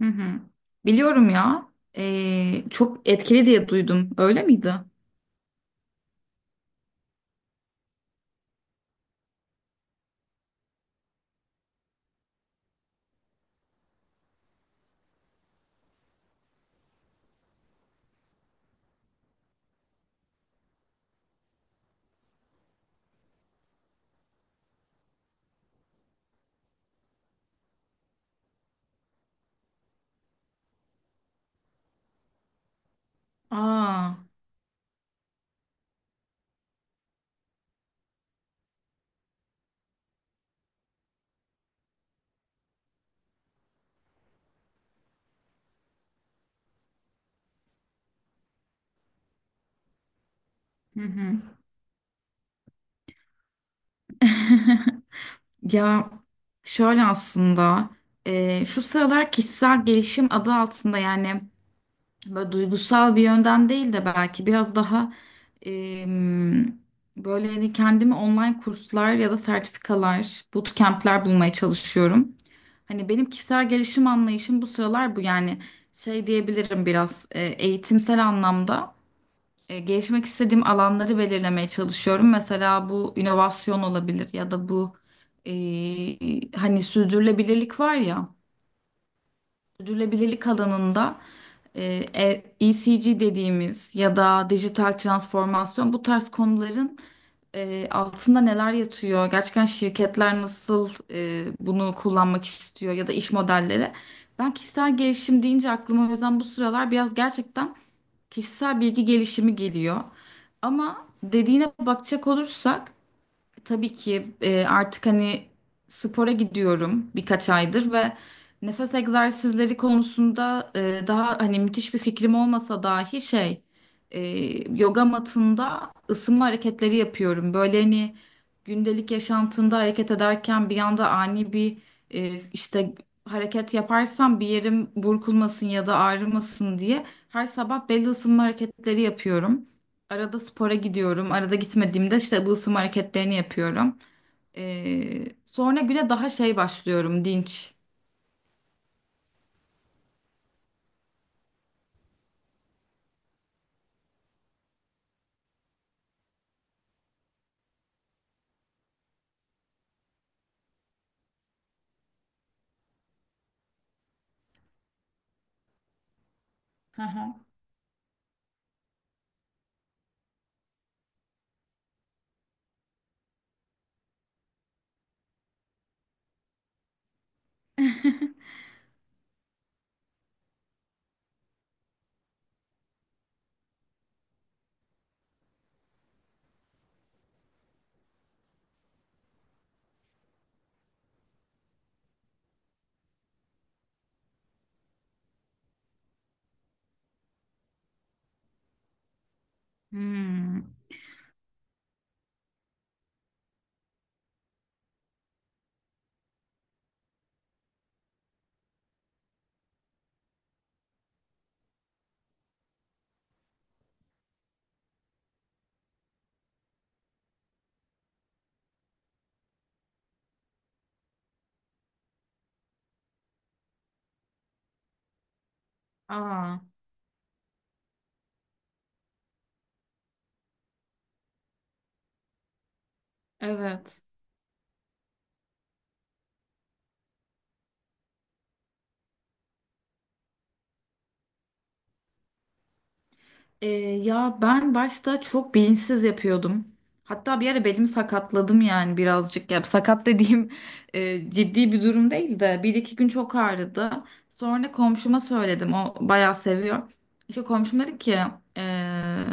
Hı hı. Biliyorum ya. Çok etkili diye duydum. Öyle miydi? Aa. Hı hı. Ya şöyle aslında şu sıralar kişisel gelişim adı altında, yani böyle duygusal bir yönden değil de belki biraz daha em, böyle hani kendimi online kurslar ya da sertifikalar, bootcamp'ler bulmaya çalışıyorum. Hani benim kişisel gelişim anlayışım bu sıralar bu, yani şey diyebilirim, biraz eğitimsel anlamda gelişmek istediğim alanları belirlemeye çalışıyorum. Mesela bu inovasyon olabilir ya da bu, hani sürdürülebilirlik var ya. Sürdürülebilirlik alanında e, ECG dediğimiz ya da dijital transformasyon, bu tarz konuların altında neler yatıyor? Gerçekten şirketler nasıl bunu kullanmak istiyor ya da iş modelleri? Ben kişisel gelişim deyince aklıma o yüzden bu sıralar biraz gerçekten kişisel bilgi gelişimi geliyor. Ama dediğine bakacak olursak tabii ki, artık hani spora gidiyorum birkaç aydır ve nefes egzersizleri konusunda daha hani müthiş bir fikrim olmasa dahi şey, e, yoga matında ısınma hareketleri yapıyorum. Böyle hani gündelik yaşantımda hareket ederken bir anda ani bir işte hareket yaparsam bir yerim burkulmasın ya da ağrımasın diye her sabah belli ısınma hareketleri yapıyorum. Arada spora gidiyorum. Arada gitmediğimde işte bu ısınma hareketlerini yapıyorum. Sonra güne daha şey başlıyorum, dinç. Hı hı. Hmm. Aa, evet. Ya ben başta çok bilinçsiz yapıyordum. Hatta bir ara belimi sakatladım, yani birazcık. Ya sakat dediğim ciddi bir durum değil de bir iki gün çok ağrıdı. Sonra komşuma söyledim. O bayağı seviyor. İşte komşum dedi ki e,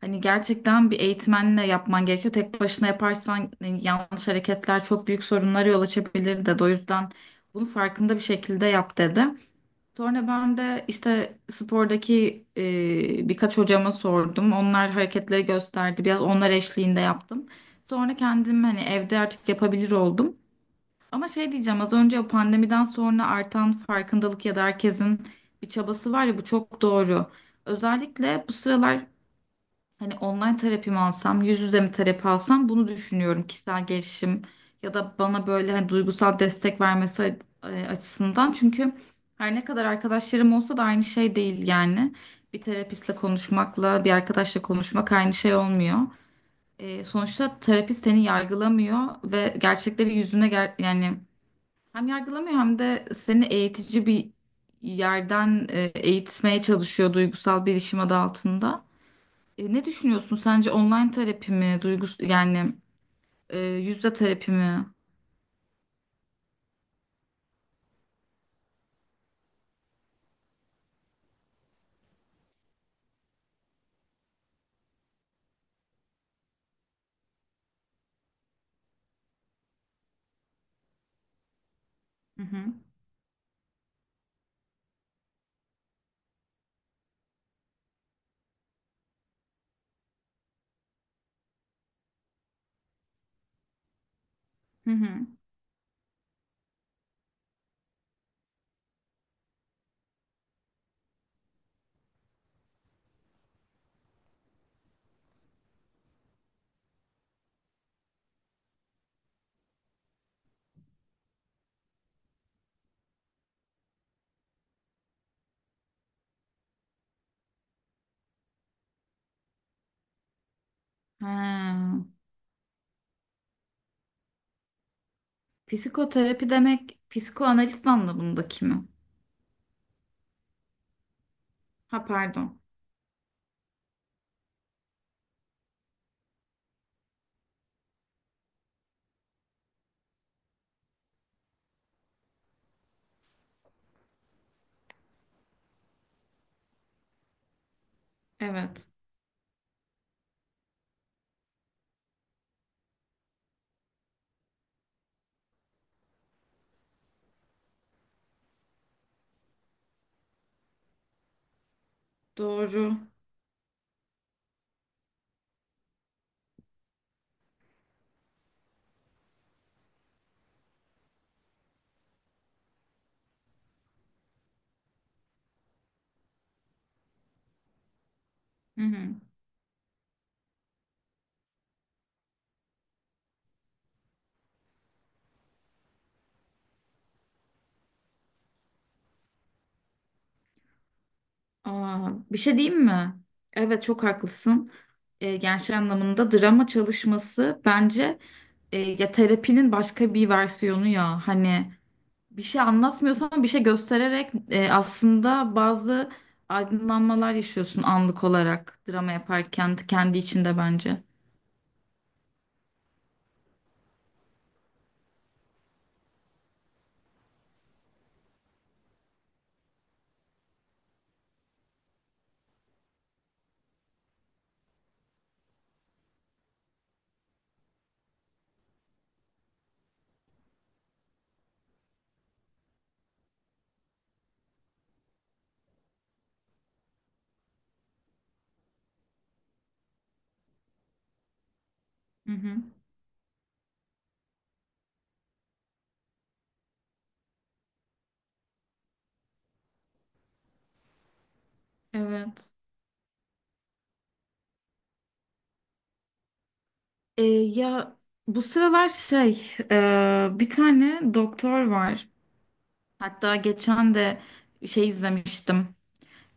hani gerçekten bir eğitmenle yapman gerekiyor. Tek başına yaparsan yanlış hareketler çok büyük sorunlara yol açabilir dedi. O yüzden bunu farkında bir şekilde yap dedi. Sonra ben de işte spordaki birkaç hocama sordum. Onlar hareketleri gösterdi. Biraz onlar eşliğinde yaptım. Sonra kendim hani evde artık yapabilir oldum. Ama şey diyeceğim, az önce o pandemiden sonra artan farkındalık ya da herkesin bir çabası var ya, bu çok doğru. Özellikle bu sıralar hani online terapi mi alsam, yüz yüze mi terapi alsam bunu düşünüyorum, kişisel gelişim ya da bana böyle hani duygusal destek vermesi açısından. Çünkü her ne kadar arkadaşlarım olsa da aynı şey değil yani. Bir terapistle konuşmakla bir arkadaşla konuşmak aynı şey olmuyor. Sonuçta terapist seni yargılamıyor ve gerçekleri yüzüne ger, yani hem yargılamıyor hem de seni eğitici bir yerden eğitmeye çalışıyor duygusal bilişim adı altında. Ne düşünüyorsun, sence online terapi mi, duygus, yani yüzde terapi mi? Hı hı. Hı hı. Ha, psikoterapi demek psikoanaliz anlamındaki mi? Ha, pardon. Evet. Doğru. Hı hı. Aa, bir şey diyeyim mi? Evet, çok haklısın. Gençler anlamında drama çalışması bence ya terapinin başka bir versiyonu ya hani bir şey anlatmıyorsan bir şey göstererek aslında bazı aydınlanmalar yaşıyorsun anlık olarak drama yaparken kendi içinde bence. Hı hı. Evet. Ya bu sıralar şey, bir tane doktor var. Hatta geçen de şey izlemiştim.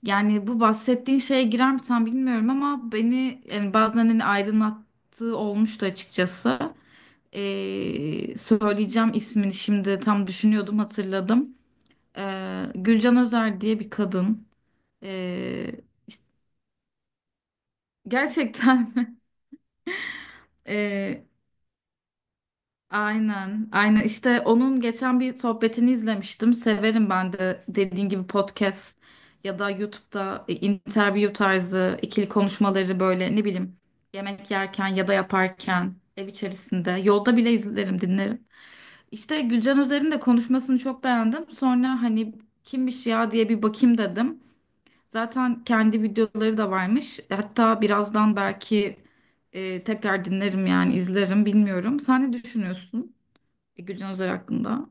Yani bu bahsettiğin şeye girer mi tam bilmiyorum ama beni yani bazen hani aydınlattığı olmuştu açıkçası. Söyleyeceğim ismini, şimdi tam düşünüyordum, hatırladım. Gülcan Özer diye bir kadın. Ee, işte gerçekten ee, aynen, aynen. İşte onun geçen bir sohbetini izlemiştim. Severim ben de, dediğin gibi, podcast ya da YouTube'da interview tarzı ikili konuşmaları, böyle ne bileyim, yemek yerken ya da yaparken, ev içerisinde, yolda bile izlerim, dinlerim. İşte Gülcan Özer'in de konuşmasını çok beğendim. Sonra hani kimmiş ya diye bir bakayım dedim. Zaten kendi videoları da varmış. Hatta birazdan belki tekrar dinlerim, yani izlerim, bilmiyorum. Sen ne düşünüyorsun Gülcan Özer hakkında?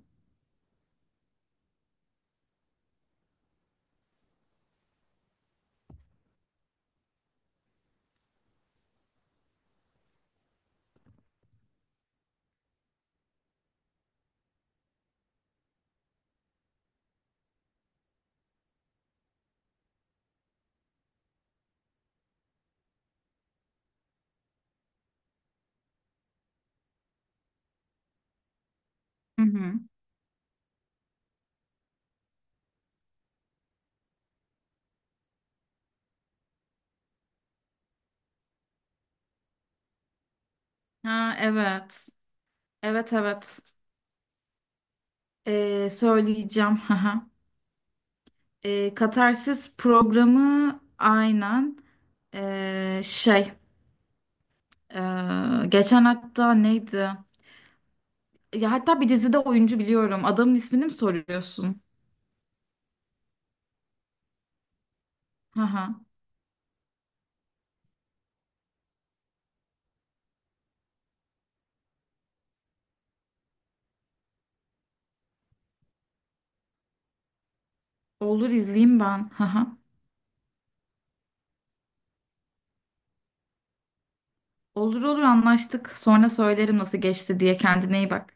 Hı hı. Ha, evet. Evet, evet. Söyleyeceğim. Haha. Katarsis programı, aynen. Ee, şey geçen hatta neydi? Ya hatta bir dizide oyuncu, biliyorum. Adamın ismini mi soruyorsun? Haha. Olur, izleyeyim ben. Haha. Olur olur, anlaştık. Sonra söylerim nasıl geçti diye. Kendine iyi bak.